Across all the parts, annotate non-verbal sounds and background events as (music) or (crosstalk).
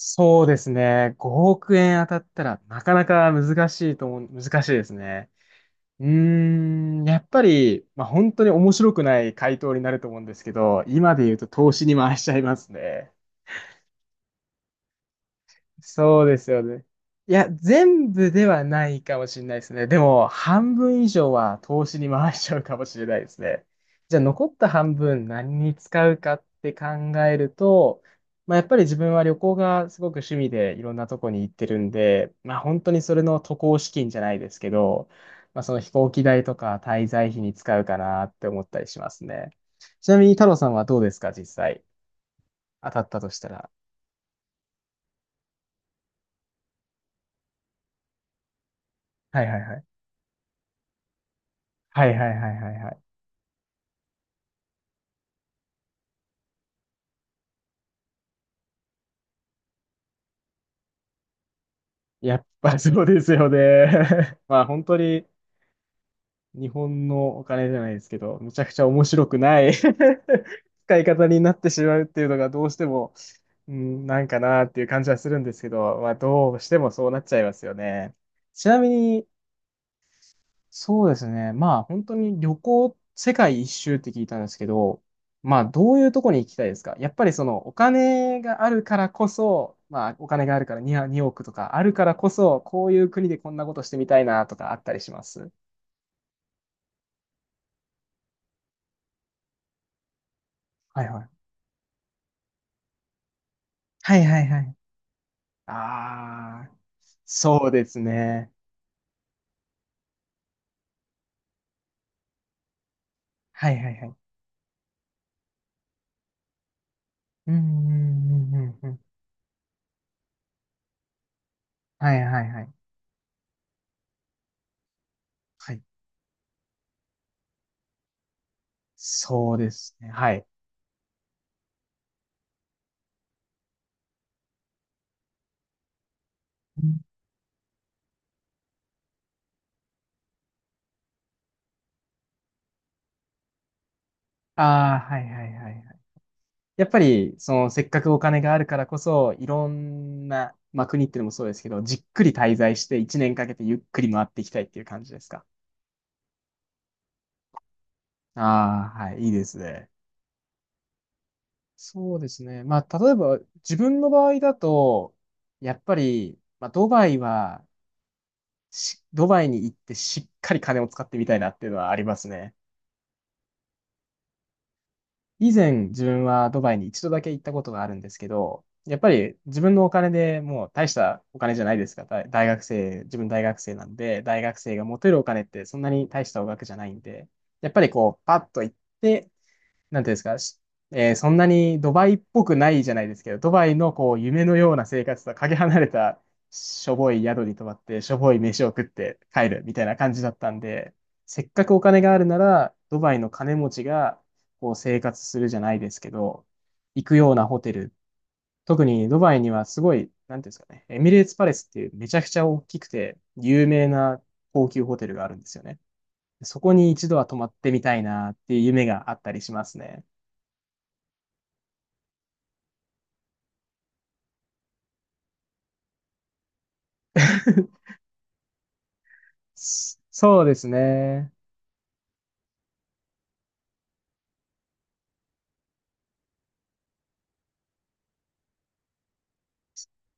そうですね。5億円当たったらなかなか難しいですね。うーやっぱり、まあ、本当に面白くない回答になると思うんですけど、今で言うと投資に回しちゃいますね。そうですよね。いや、全部ではないかもしれないですね。でも、半分以上は投資に回しちゃうかもしれないですね。じゃあ、残った半分何に使うかって考えると、まあ、やっぱり自分は旅行がすごく趣味でいろんなとこに行ってるんで、まあ、本当にそれの渡航資金じゃないですけど、まあ、その飛行機代とか滞在費に使うかなって思ったりしますね。ちなみに太郎さんはどうですか、実際。当たったとしたら。はいはいはい。はいはいはいはいはい。やっぱそうですよね。(laughs) まあ本当に日本のお金じゃないですけど、むちゃくちゃ面白くない (laughs) 使い方になってしまうっていうのがどうしても、うん、なんかなっていう感じはするんですけど、まあどうしてもそうなっちゃいますよね。ちなみに、そうですね。まあ本当に旅行、世界一周って聞いたんですけど、まあどういうとこに行きたいですか？やっぱりそのお金があるからこそ、まあお金があるから2億とかあるからこそ、こういう国でこんなことしてみたいなとかあったりします？はいはい。はいはいはい。ああ、そうですね。はいはいはい。うんうんうんうんうん。はいはいはい。はい。そうですね。はい。ああー、はいはいはい。やっぱり、その、せっかくお金があるからこそ、いろんな、まあ、国っていうのもそうですけど、じっくり滞在して1年かけてゆっくり回っていきたいっていう感じですか。ああ、はい、いいですね。そうですね。まあ、例えば、自分の場合だと、やっぱり、まあ、ドバイに行ってしっかり金を使ってみたいなっていうのはありますね。以前自分はドバイに一度だけ行ったことがあるんですけど、やっぱり自分のお金でもう大したお金じゃないですか。大学生、自分大学生なんで、大学生が持てるお金ってそんなに大したお額じゃないんで、やっぱりこう、パッと行って、なんていうんですか、しえーそんなにドバイっぽくないじゃないですけど、ドバイのこう夢のような生活とはかけ離れたしょぼい宿に泊まって、しょぼい飯を食って帰るみたいな感じだったんで、せっかくお金があるなら、ドバイの金持ちがこう生活するじゃないですけど、行くようなホテル、特にドバイにはすごい、なんていうんですかね、エミレーツパレスっていうめちゃくちゃ大きくて有名な高級ホテルがあるんですよね。そこに一度は泊まってみたいなっていう夢があったりしますね。そうですね。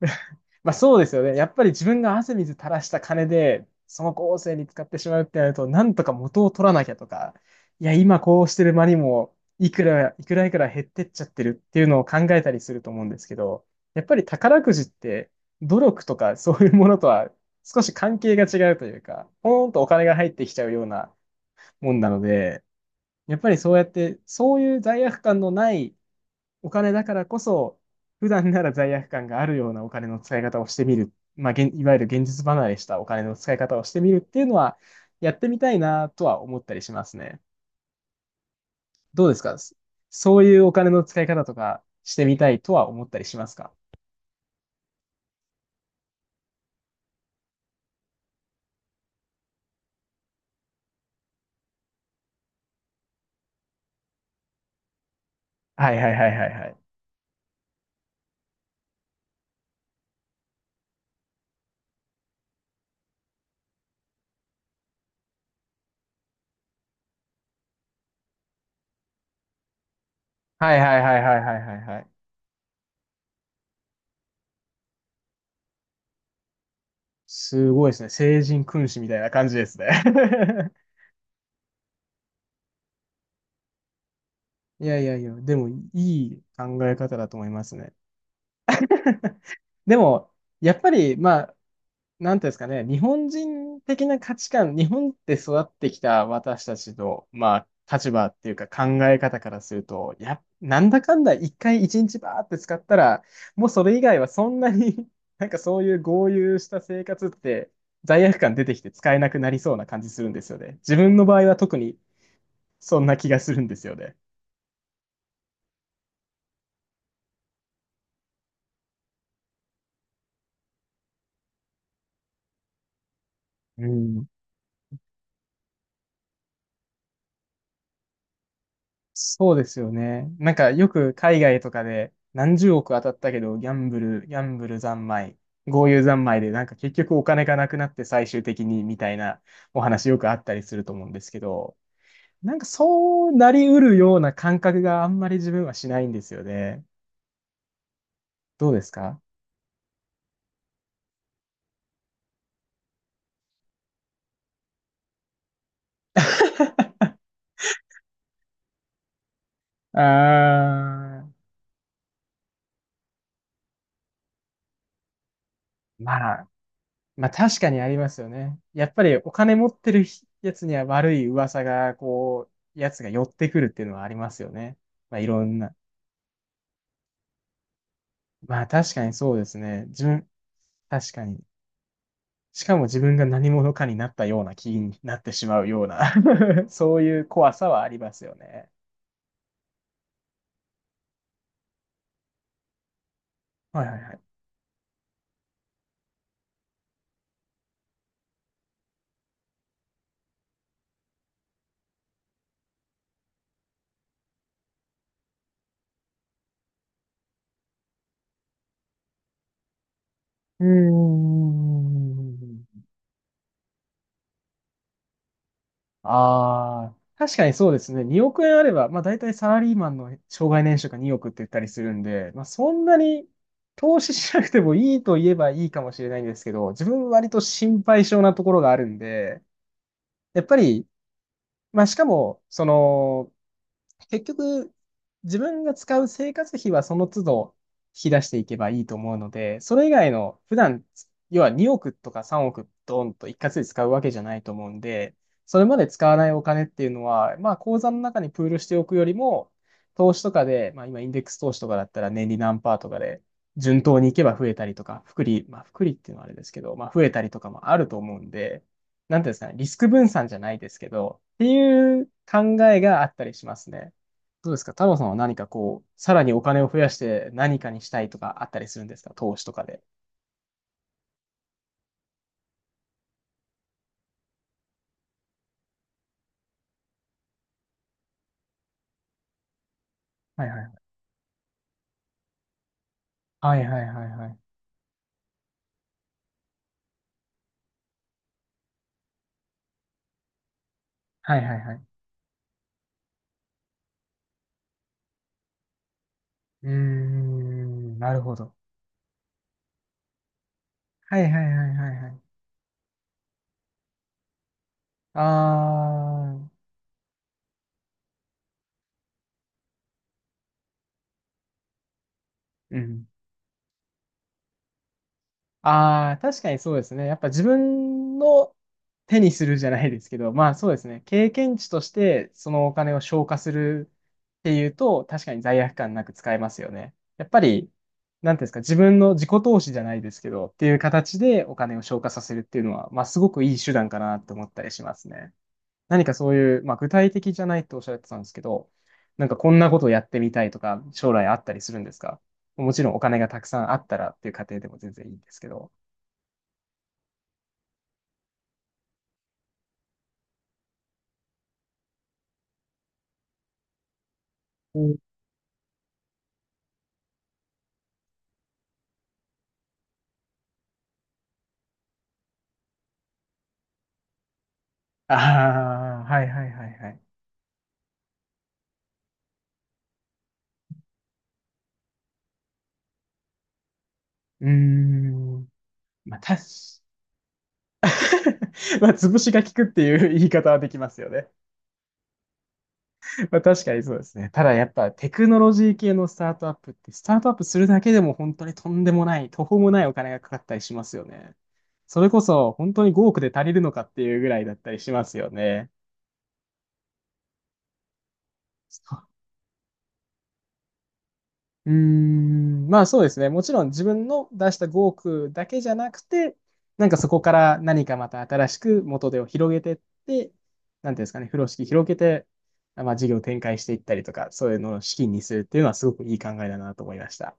(laughs) まあそうですよね。やっぱり自分が汗水垂らした金で、その後世に使ってしまうってなると、なんとか元を取らなきゃとか、いや、今こうしてる間にも、いくら減ってっちゃってるっていうのを考えたりすると思うんですけど、やっぱり宝くじって、努力とかそういうものとは少し関係が違うというか、ポーンとお金が入ってきちゃうようなもんなので、やっぱりそうやって、そういう罪悪感のないお金だからこそ、普段なら罪悪感があるようなお金の使い方をしてみる。まあ、いわゆる現実離れしたお金の使い方をしてみるっていうのは、やってみたいなとは思ったりしますね。どうですか？そういうお金の使い方とかしてみたいとは思ったりしますか？はいはいはいはいはい。はいはいはいはいはいはいはい。すごいですね。聖人君子みたいな感じですね。(laughs) いやいやいや、でもいい考え方だと思いますね。(laughs) でも、やっぱり、まあ、なんていうんですかね、日本人的な価値観、日本で育ってきた私たちの、まあ、立場っていうか考え方からすると、や、なんだかんだ一回一日バーって使ったら、もうそれ以外はそんなに (laughs) なんかそういう豪遊した生活って罪悪感出てきて使えなくなりそうな感じするんですよね。自分の場合は特にそんな気がするんですよね。うん。そうですよね。なんかよく海外とかで何十億当たったけど、ギャンブル三昧、豪遊三昧でなんか結局お金がなくなって最終的にみたいなお話よくあったりすると思うんですけど、なんかそうなりうるような感覚があんまり自分はしないんですよね。どうですか？あー、まあ、まあ確かにありますよね。やっぱりお金持ってるやつには悪い噂が、やつが寄ってくるっていうのはありますよね。まあ、いろんなまあ確かにそうですね。自分、確かに。しかも自分が何者かになったような気になってしまうような (laughs) そういう怖さはありますよね。はいはいはい。うーん。ああ、確かにそうですね。2億円あれば、まあ大体サラリーマンの障害年収が2億って言ったりするんで、まあそんなに投資しなくてもいいと言えばいいかもしれないんですけど、自分割と心配性なところがあるんで、やっぱりまあ、しかも、その、結局、自分が使う生活費はその都度引き出していけばいいと思うので、それ以外の普段、要は2億とか3億ドンと一括で使うわけじゃないと思うんで、それまで使わないお金っていうのは、まあ口座の中にプールしておくよりも、投資とかで、まあ今インデックス投資とかだったら年利何パーとかで順当にいけば増えたりとか、まあ複利っていうのはあれですけど、まあ増えたりとかもあると思うんで、なんていうんですかね、リスク分散じゃないですけど、っていう考えがあったりしますね。どうですか？太郎さんは何かこう、さらにお金を増やして何かにしたいとかあったりするんですか？投資とかで。はいはいはい。はいはいはいはい。はいはいはい。うーん、なるほど。はいはいはいはいはい。あー、うん。ああ、確かにそうですね。やっぱ自分の手にするじゃないですけど、まあそうですね。経験値としてそのお金を消化するっていうと、確かに罪悪感なく使えますよね。やっぱり、なんていうんですか、自分の自己投資じゃないですけど、っていう形でお金を消化させるっていうのは、まあすごくいい手段かなと思ったりしますね。何かそういう、まあ具体的じゃないとおっしゃってたんですけど、なんかこんなことをやってみたいとか、将来あったりするんですか？もちろんお金がたくさんあったらっていう過程でも全然いいんですけど。うんああー、はいはいはいはい。うーん。まあ、確か (laughs) まあ、潰しが効くっていう言い方はできますよね。まあ、確かにそうですね。ただやっぱテクノロジー系のスタートアップって、スタートアップするだけでも本当にとんでもない、途方もないお金がかかったりしますよね。それこそ本当に5億で足りるのかっていうぐらいだったりしますよね。うーん、まあそうですね。もちろん自分の出した5億だけじゃなくて、なんかそこから何かまた新しく元手を広げてって、なんていうんですかね、風呂敷広げて、まあ事業展開していったりとか、そういうのを資金にするっていうのはすごくいい考えだなと思いました。